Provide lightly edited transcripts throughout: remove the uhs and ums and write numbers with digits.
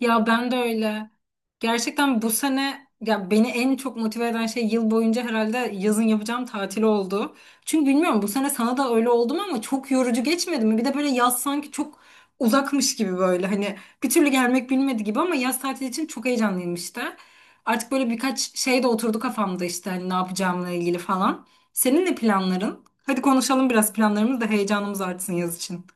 Ya ben de öyle. Gerçekten bu sene ya beni en çok motive eden şey yıl boyunca herhalde yazın yapacağım tatil oldu. Çünkü bilmiyorum bu sene sana da öyle oldu mu ama çok yorucu geçmedi mi? Bir de böyle yaz sanki çok uzakmış gibi böyle hani bir türlü gelmek bilmedi gibi ama yaz tatili için çok heyecanlıyım işte. Artık böyle birkaç şey de oturdu kafamda işte hani ne yapacağımla ilgili falan. Senin ne planların? Hadi konuşalım biraz planlarımız da heyecanımız artsın yaz için.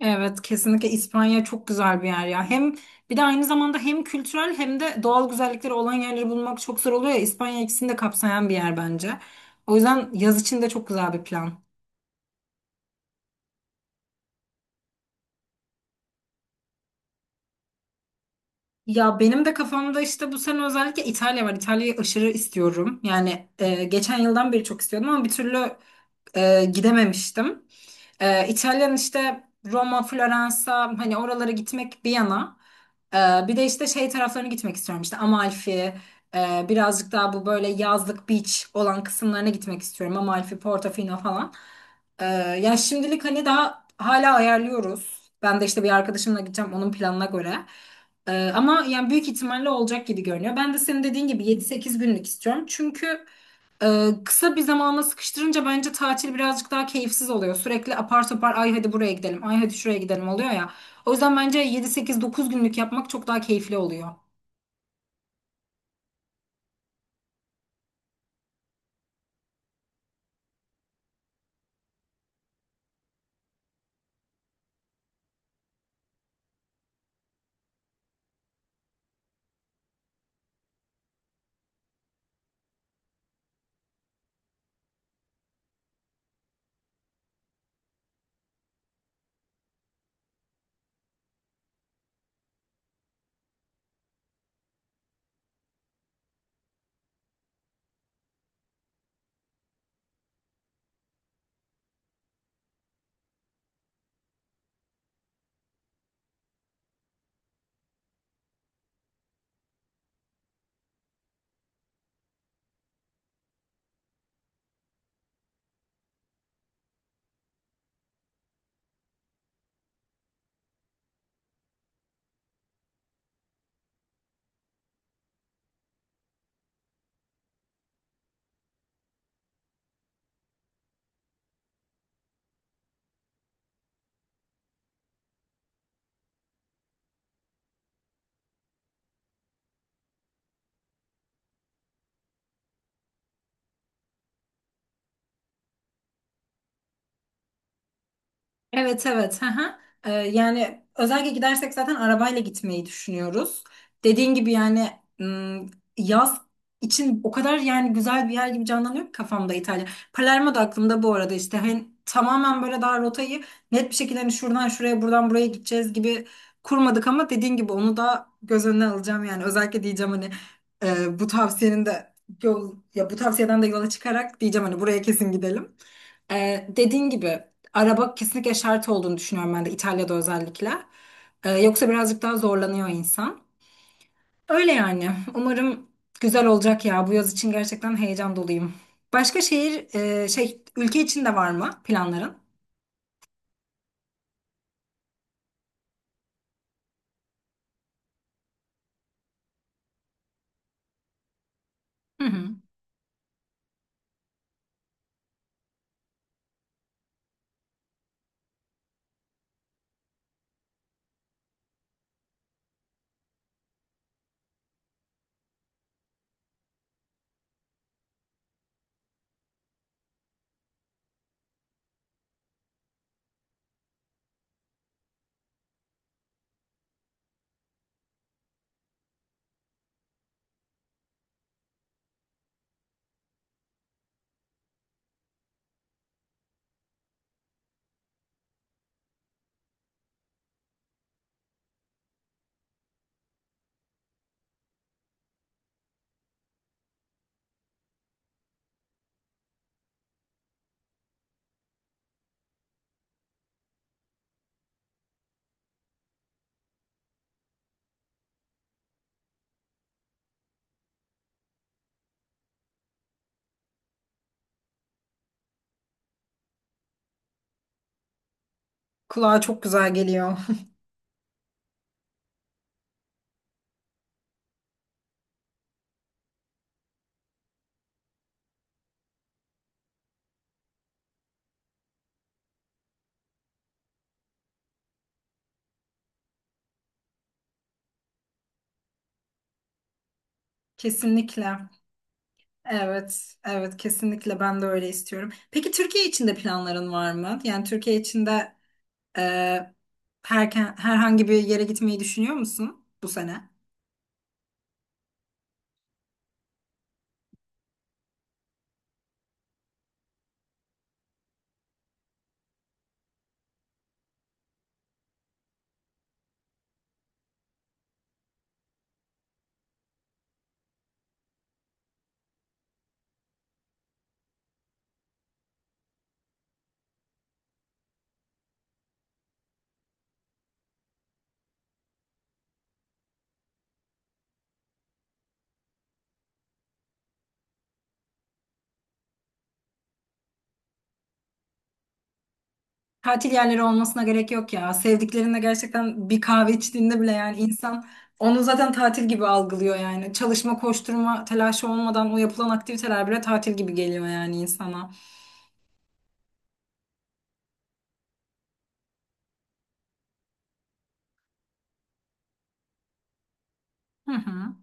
Evet, kesinlikle İspanya çok güzel bir yer ya. Hem bir de aynı zamanda hem kültürel hem de doğal güzellikleri olan yerleri bulmak çok zor oluyor ya. İspanya ikisini de kapsayan bir yer bence. O yüzden yaz için de çok güzel bir plan. Ya benim de kafamda işte bu sene özellikle İtalya var. İtalya'yı aşırı istiyorum. Yani geçen yıldan beri çok istiyordum ama bir türlü gidememiştim. İtalyan işte Roma, Floransa hani oralara gitmek bir yana. E, Bir de işte şey taraflarına gitmek istiyorum işte Amalfi, birazcık daha bu böyle yazlık beach olan kısımlarına gitmek istiyorum. Amalfi, Portofino falan. E, Ya şimdilik hani daha hala ayarlıyoruz. Ben de işte bir arkadaşımla gideceğim onun planına göre. Ama yani büyük ihtimalle olacak gibi görünüyor. Ben de senin dediğin gibi 7-8 günlük istiyorum. Çünkü kısa bir zamana sıkıştırınca bence tatil birazcık daha keyifsiz oluyor. Sürekli apar topar ay hadi buraya gidelim, ay hadi şuraya gidelim oluyor ya. O yüzden bence 7-8-9 günlük yapmak çok daha keyifli oluyor. Evet, evet. Hı hı. Yani özellikle gidersek zaten arabayla gitmeyi düşünüyoruz. Dediğin gibi yani ım, yaz için o kadar yani güzel bir yer gibi canlanıyor ki kafamda İtalya. Palermo da aklımda bu arada işte hani tamamen böyle daha rotayı net bir şekilde hani şuradan şuraya buradan buraya gideceğiz gibi kurmadık ama dediğin gibi onu da göz önüne alacağım yani özellikle diyeceğim hani bu tavsiyenin de yol ya bu tavsiyeden de yola çıkarak diyeceğim hani buraya kesin gidelim. Dediğin gibi. Araba kesinlikle şart olduğunu düşünüyorum ben de İtalya'da özellikle. Yoksa birazcık daha zorlanıyor insan. Öyle yani. Umarım güzel olacak ya. Bu yaz için gerçekten heyecan doluyum. Başka şehir, ülke için de var mı planların? Hı hı. Kulağa çok güzel geliyor. Kesinlikle. Evet, evet, kesinlikle ben de öyle istiyorum. Peki Türkiye için de planların var mı? Yani Türkiye için de Ee, herhangi bir yere gitmeyi düşünüyor musun bu sene? Tatil yerleri olmasına gerek yok ya. Sevdiklerinle gerçekten bir kahve içtiğinde bile yani insan onu zaten tatil gibi algılıyor yani. Çalışma, koşturma, telaşı olmadan o yapılan aktiviteler bile tatil gibi geliyor yani insana. Hı hı.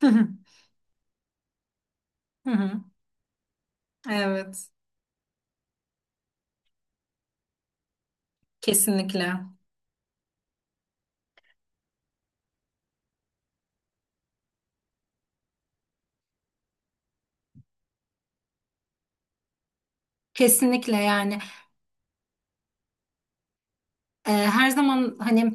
Hı hı. Hı hı. Evet. Kesinlikle. Kesinlikle yani. Her zaman hani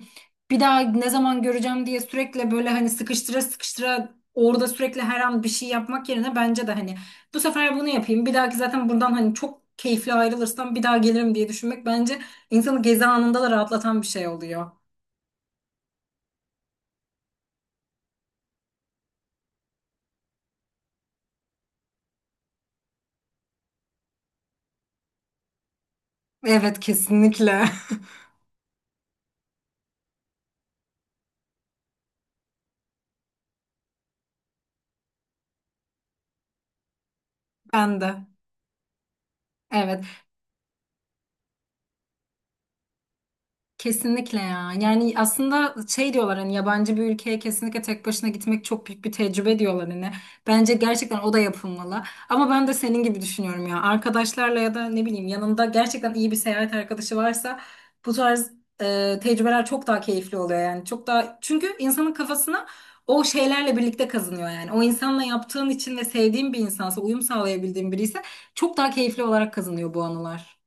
bir daha ne zaman göreceğim diye sürekli böyle hani sıkıştıra sıkıştıra orada sürekli her an bir şey yapmak yerine bence de hani bu sefer bunu yapayım. Bir dahaki zaten buradan hani çok keyifli ayrılırsam bir daha gelirim diye düşünmek bence insanı gezi anında da rahatlatan bir şey oluyor. Evet, kesinlikle. Ben de. Evet. Kesinlikle ya. Yani aslında şey diyorlar hani yabancı bir ülkeye kesinlikle tek başına gitmek çok büyük bir tecrübe diyorlar hani. Bence gerçekten o da yapılmalı. Ama ben de senin gibi düşünüyorum ya. Arkadaşlarla ya da ne bileyim yanında gerçekten iyi bir seyahat arkadaşı varsa bu tarz tecrübeler çok daha keyifli oluyor yani. Çok daha çünkü insanın kafasına o şeylerle birlikte kazınıyor yani. O insanla yaptığın için ve sevdiğin bir insansa, uyum sağlayabildiğin biri ise çok daha keyifli olarak kazanıyor bu anılar.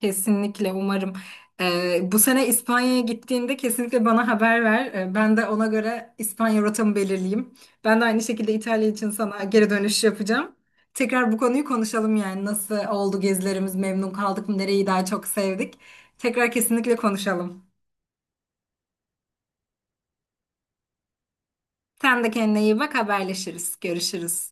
Kesinlikle umarım. Bu sene İspanya'ya gittiğinde kesinlikle bana haber ver. Ben de ona göre İspanya rotamı belirleyeyim. Ben de aynı şekilde İtalya için sana geri dönüş yapacağım. Tekrar bu konuyu konuşalım yani nasıl oldu gezilerimiz, memnun kaldık mı, nereyi daha çok sevdik. Tekrar kesinlikle konuşalım. Sen de kendine iyi bak, haberleşiriz, görüşürüz.